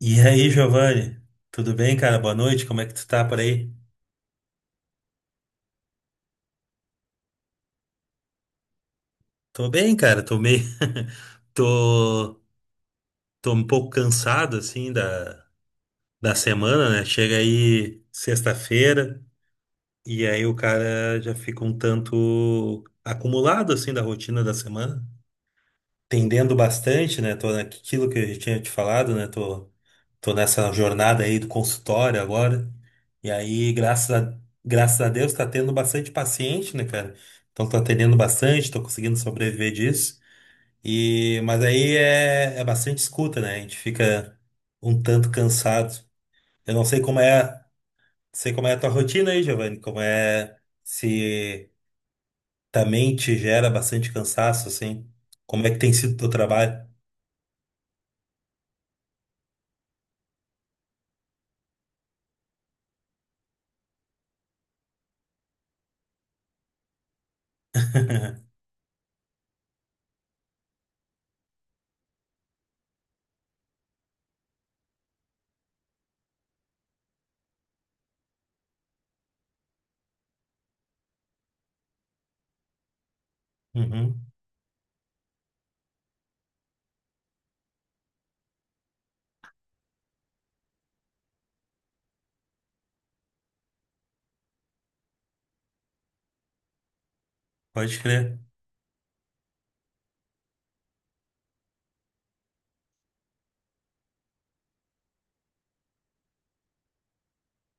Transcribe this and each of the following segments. E aí, Giovanni? Tudo bem, cara? Boa noite. Como é que tu tá por aí? Tô bem, cara. Tô meio... Tô... Tô um pouco cansado, assim, da... da semana, né? Chega aí sexta-feira e aí o cara já fica um tanto acumulado, assim, da rotina da semana. Tendendo bastante, né? Tô naquilo que eu já tinha te falado, né? Tô nessa jornada aí do consultório agora. E aí, graças a, Graças a Deus, tá tendo bastante paciente, né, cara? Então tô atendendo bastante, tô conseguindo sobreviver disso. E, mas aí é bastante escuta, né? A gente fica um tanto cansado. Eu não sei como é, Sei como é a tua rotina aí, Giovanni, como é se também te gera bastante cansaço, assim. Como é que tem sido o teu trabalho? Uhum. Pode crer.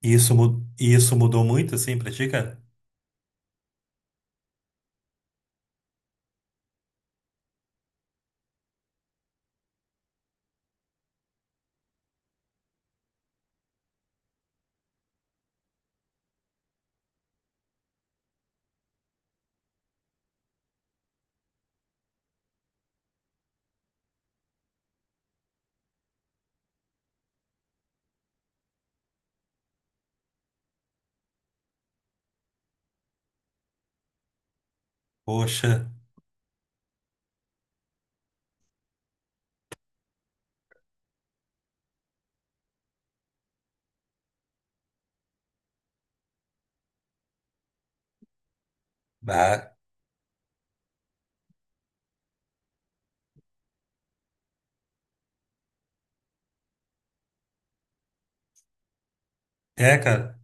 E isso mudou muito, assim, pra ti, cara? Poxa. Bah. É, cara.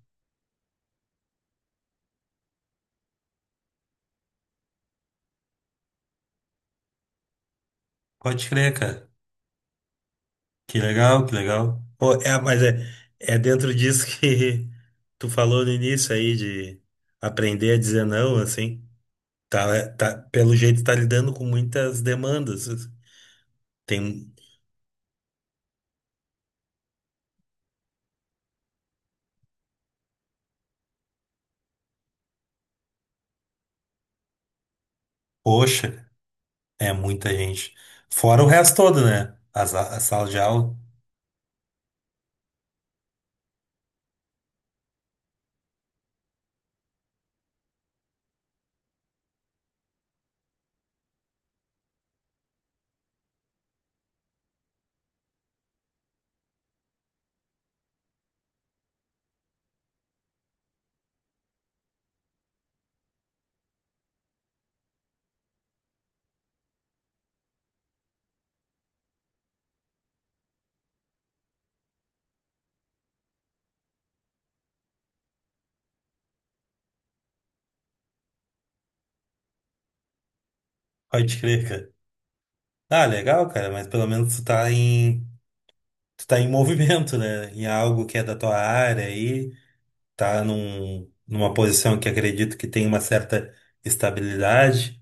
Pode crer, cara. Que legal, que legal. Pô, é, mas é, É dentro disso que tu falou no início aí, de aprender a dizer não, assim. Tá, Pelo jeito, tá lidando com muitas demandas. Tem, um, poxa, é muita gente. Fora o resto todo, né? A sala de aula. Pode crer, cara. Ah, legal, cara, mas pelo menos tu tá em movimento, né? Em algo que é da tua área aí, tá numa posição que acredito que tem uma certa estabilidade,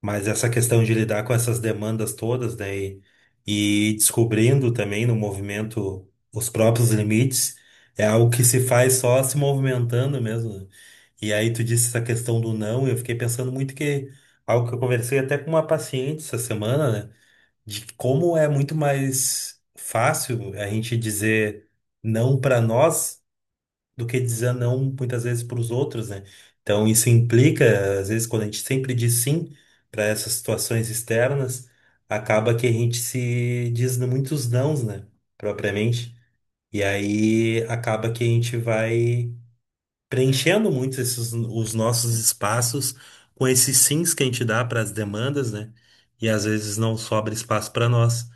mas essa questão de lidar com essas demandas todas, né? E descobrindo também no movimento os próprios limites, é algo que se faz só se movimentando mesmo, né? E aí tu disse essa questão do não, e eu fiquei pensando muito que algo que eu conversei até com uma paciente essa semana, né? De como é muito mais fácil a gente dizer não para nós do que dizer não muitas vezes para os outros, né? Então isso implica, às vezes, quando a gente sempre diz sim para essas situações externas, acaba que a gente se diz muitos nãos, né? Propriamente. E aí acaba que a gente vai preenchendo muito os nossos espaços com esses sims que a gente dá para as demandas, né? E às vezes não sobra espaço para nós.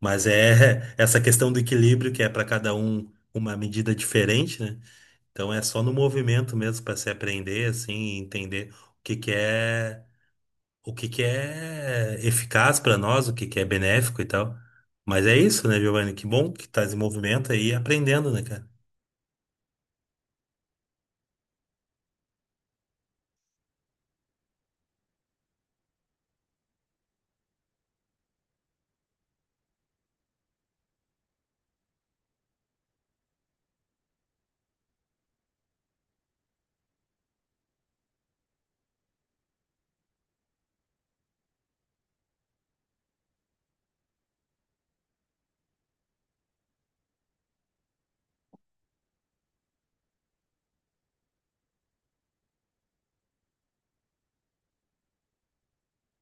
Mas é essa questão do equilíbrio que é para cada um uma medida diferente, né? Então é só no movimento mesmo para se aprender assim, e entender o que que é, o que que é eficaz para nós, o que que é benéfico e tal. Mas é isso, né, Giovanni? Que bom que tá em movimento aí, aprendendo, né, cara?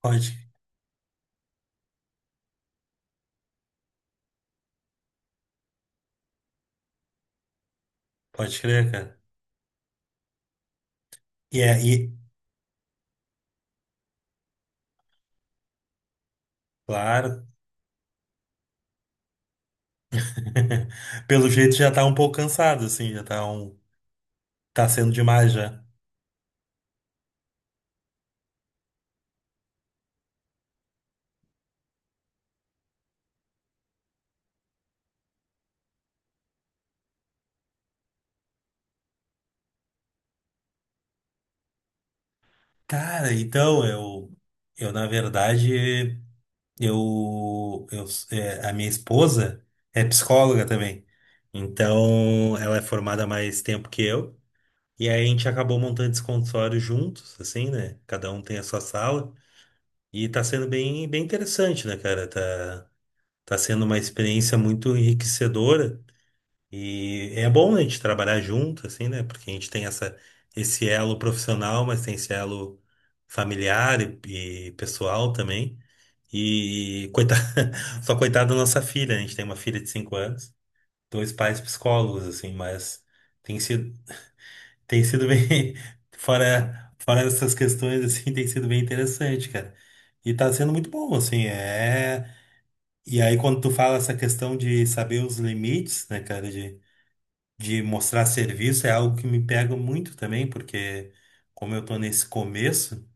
Pode, pode crer, cara. E é, e, claro. Pelo jeito já tá um pouco cansado, assim, já tá um... tá sendo demais já. Cara, então eu na verdade, eu, é, a minha esposa é psicóloga também. Então ela é formada há mais tempo que eu. E aí a gente acabou montando esse consultório juntos, assim, né? Cada um tem a sua sala. E tá sendo bem, bem interessante, né, cara? Tá, tá sendo uma experiência muito enriquecedora. E é bom a gente trabalhar junto, assim, né? Porque a gente tem essa, esse elo profissional, mas tem esse elo familiar e pessoal também. E coitada, só coitada da nossa filha, né? A gente tem uma filha de 5 anos, dois pais psicólogos, assim, mas tem sido, tem sido bem, fora, fora essas questões, assim, tem sido bem interessante, cara. E tá sendo muito bom, assim, é. E aí, quando tu fala essa questão de saber os limites, né, cara, de mostrar serviço é algo que me pega muito também, porque como eu tô nesse começo,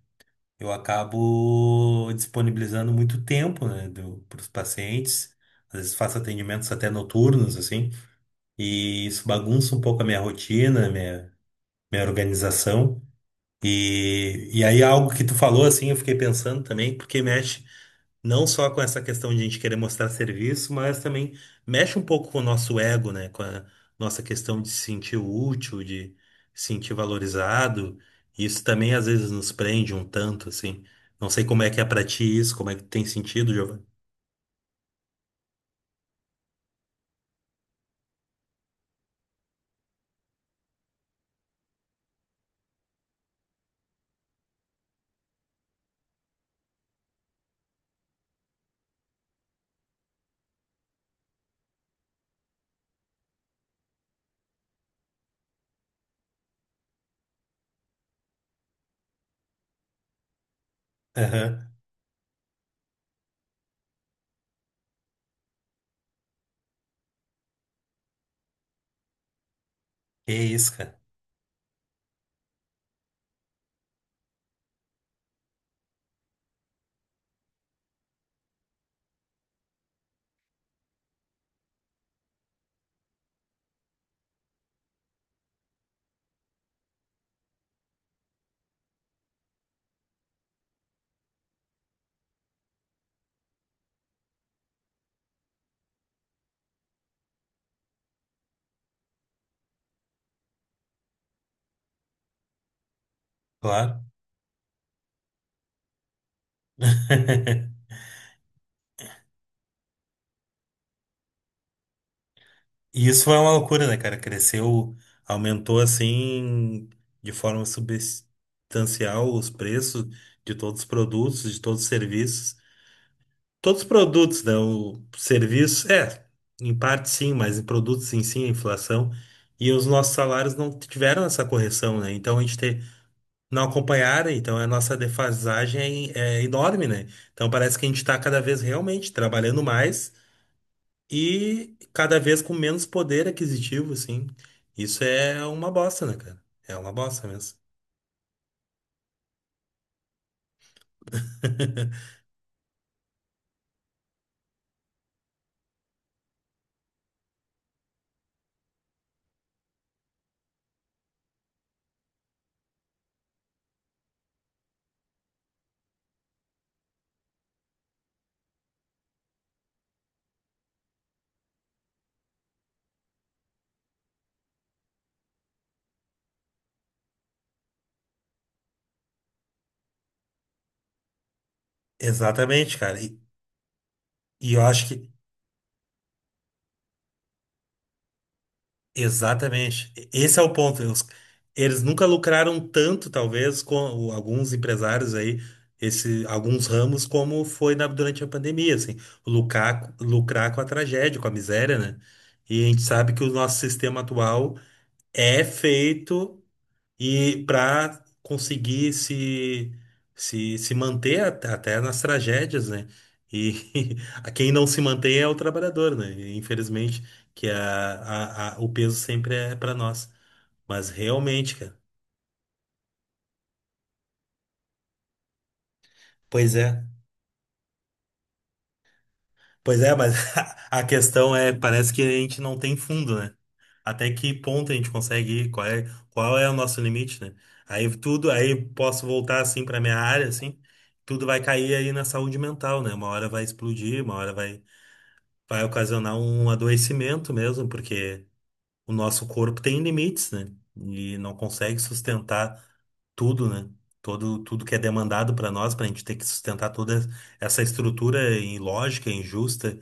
eu acabo disponibilizando muito tempo, né, para os pacientes. Às vezes faço atendimentos até noturnos, assim, e isso bagunça um pouco a minha rotina, minha organização. E aí algo que tu falou, assim, eu fiquei pensando também, porque mexe não só com essa questão de a gente querer mostrar serviço, mas também mexe um pouco com o nosso ego, né? Com a nossa questão de se sentir útil, de se sentir valorizado. Isso também às vezes nos prende um tanto, assim. Não sei como é que é pra ti isso, como é que tem sentido, Giovanni. Aham. Que isso, cara. Claro. E isso foi uma loucura, né, cara? Cresceu, aumentou assim de forma substancial os preços de todos os produtos, de todos os serviços. Todos os produtos, né? O serviço, é, em parte sim, mas em produtos sim a inflação. E os nossos salários não tiveram essa correção, né? Não acompanharam, então a nossa defasagem é, é enorme, né? Então parece que a gente está cada vez realmente trabalhando mais e cada vez com menos poder aquisitivo, assim. Isso é uma bosta, né, cara? É uma bosta mesmo. Exatamente, cara. E eu acho que exatamente. Esse é o ponto. Eles nunca lucraram tanto, talvez, com alguns empresários aí, esse, alguns ramos, como foi durante a pandemia, assim, lucrar, lucrar com a tragédia, com a miséria, né? E a gente sabe que o nosso sistema atual é feito e para conseguir se manter até nas tragédias, né? E a quem não se mantém é o trabalhador, né? E, infelizmente, que o peso sempre é para nós. Mas realmente, cara. Pois é. Pois é, mas a questão é, parece que a gente não tem fundo, né? Até que ponto a gente consegue ir? Qual é o nosso limite, né? Aí posso voltar assim para minha área, assim, tudo vai cair aí na saúde mental, né? Uma hora vai explodir, vai ocasionar um adoecimento mesmo, porque o nosso corpo tem limites, né? E não consegue sustentar tudo, né? Tudo que é demandado para nós, para a gente ter que sustentar toda essa estrutura ilógica, injusta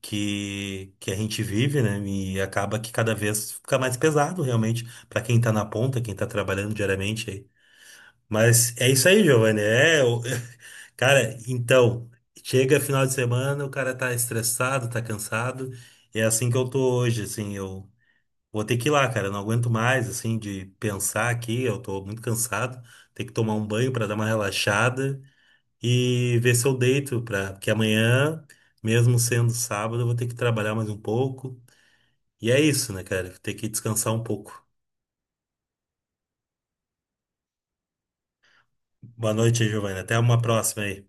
que a gente vive, né? E acaba que cada vez fica mais pesado, realmente, para quem tá na ponta, quem tá trabalhando diariamente aí. Mas é isso aí, Giovanni. Cara, então, chega final de semana, o cara tá estressado, tá cansado. E é assim que eu tô hoje, assim, eu vou ter que ir lá, cara. Eu não aguento mais, assim, de pensar aqui, eu tô muito cansado. Tem que tomar um banho para dar uma relaxada e ver se eu deito, pra, porque amanhã, mesmo sendo sábado, eu vou ter que trabalhar mais um pouco. E é isso, né, cara? Tem que descansar um pouco. Boa noite, Giovanna. Até uma próxima aí.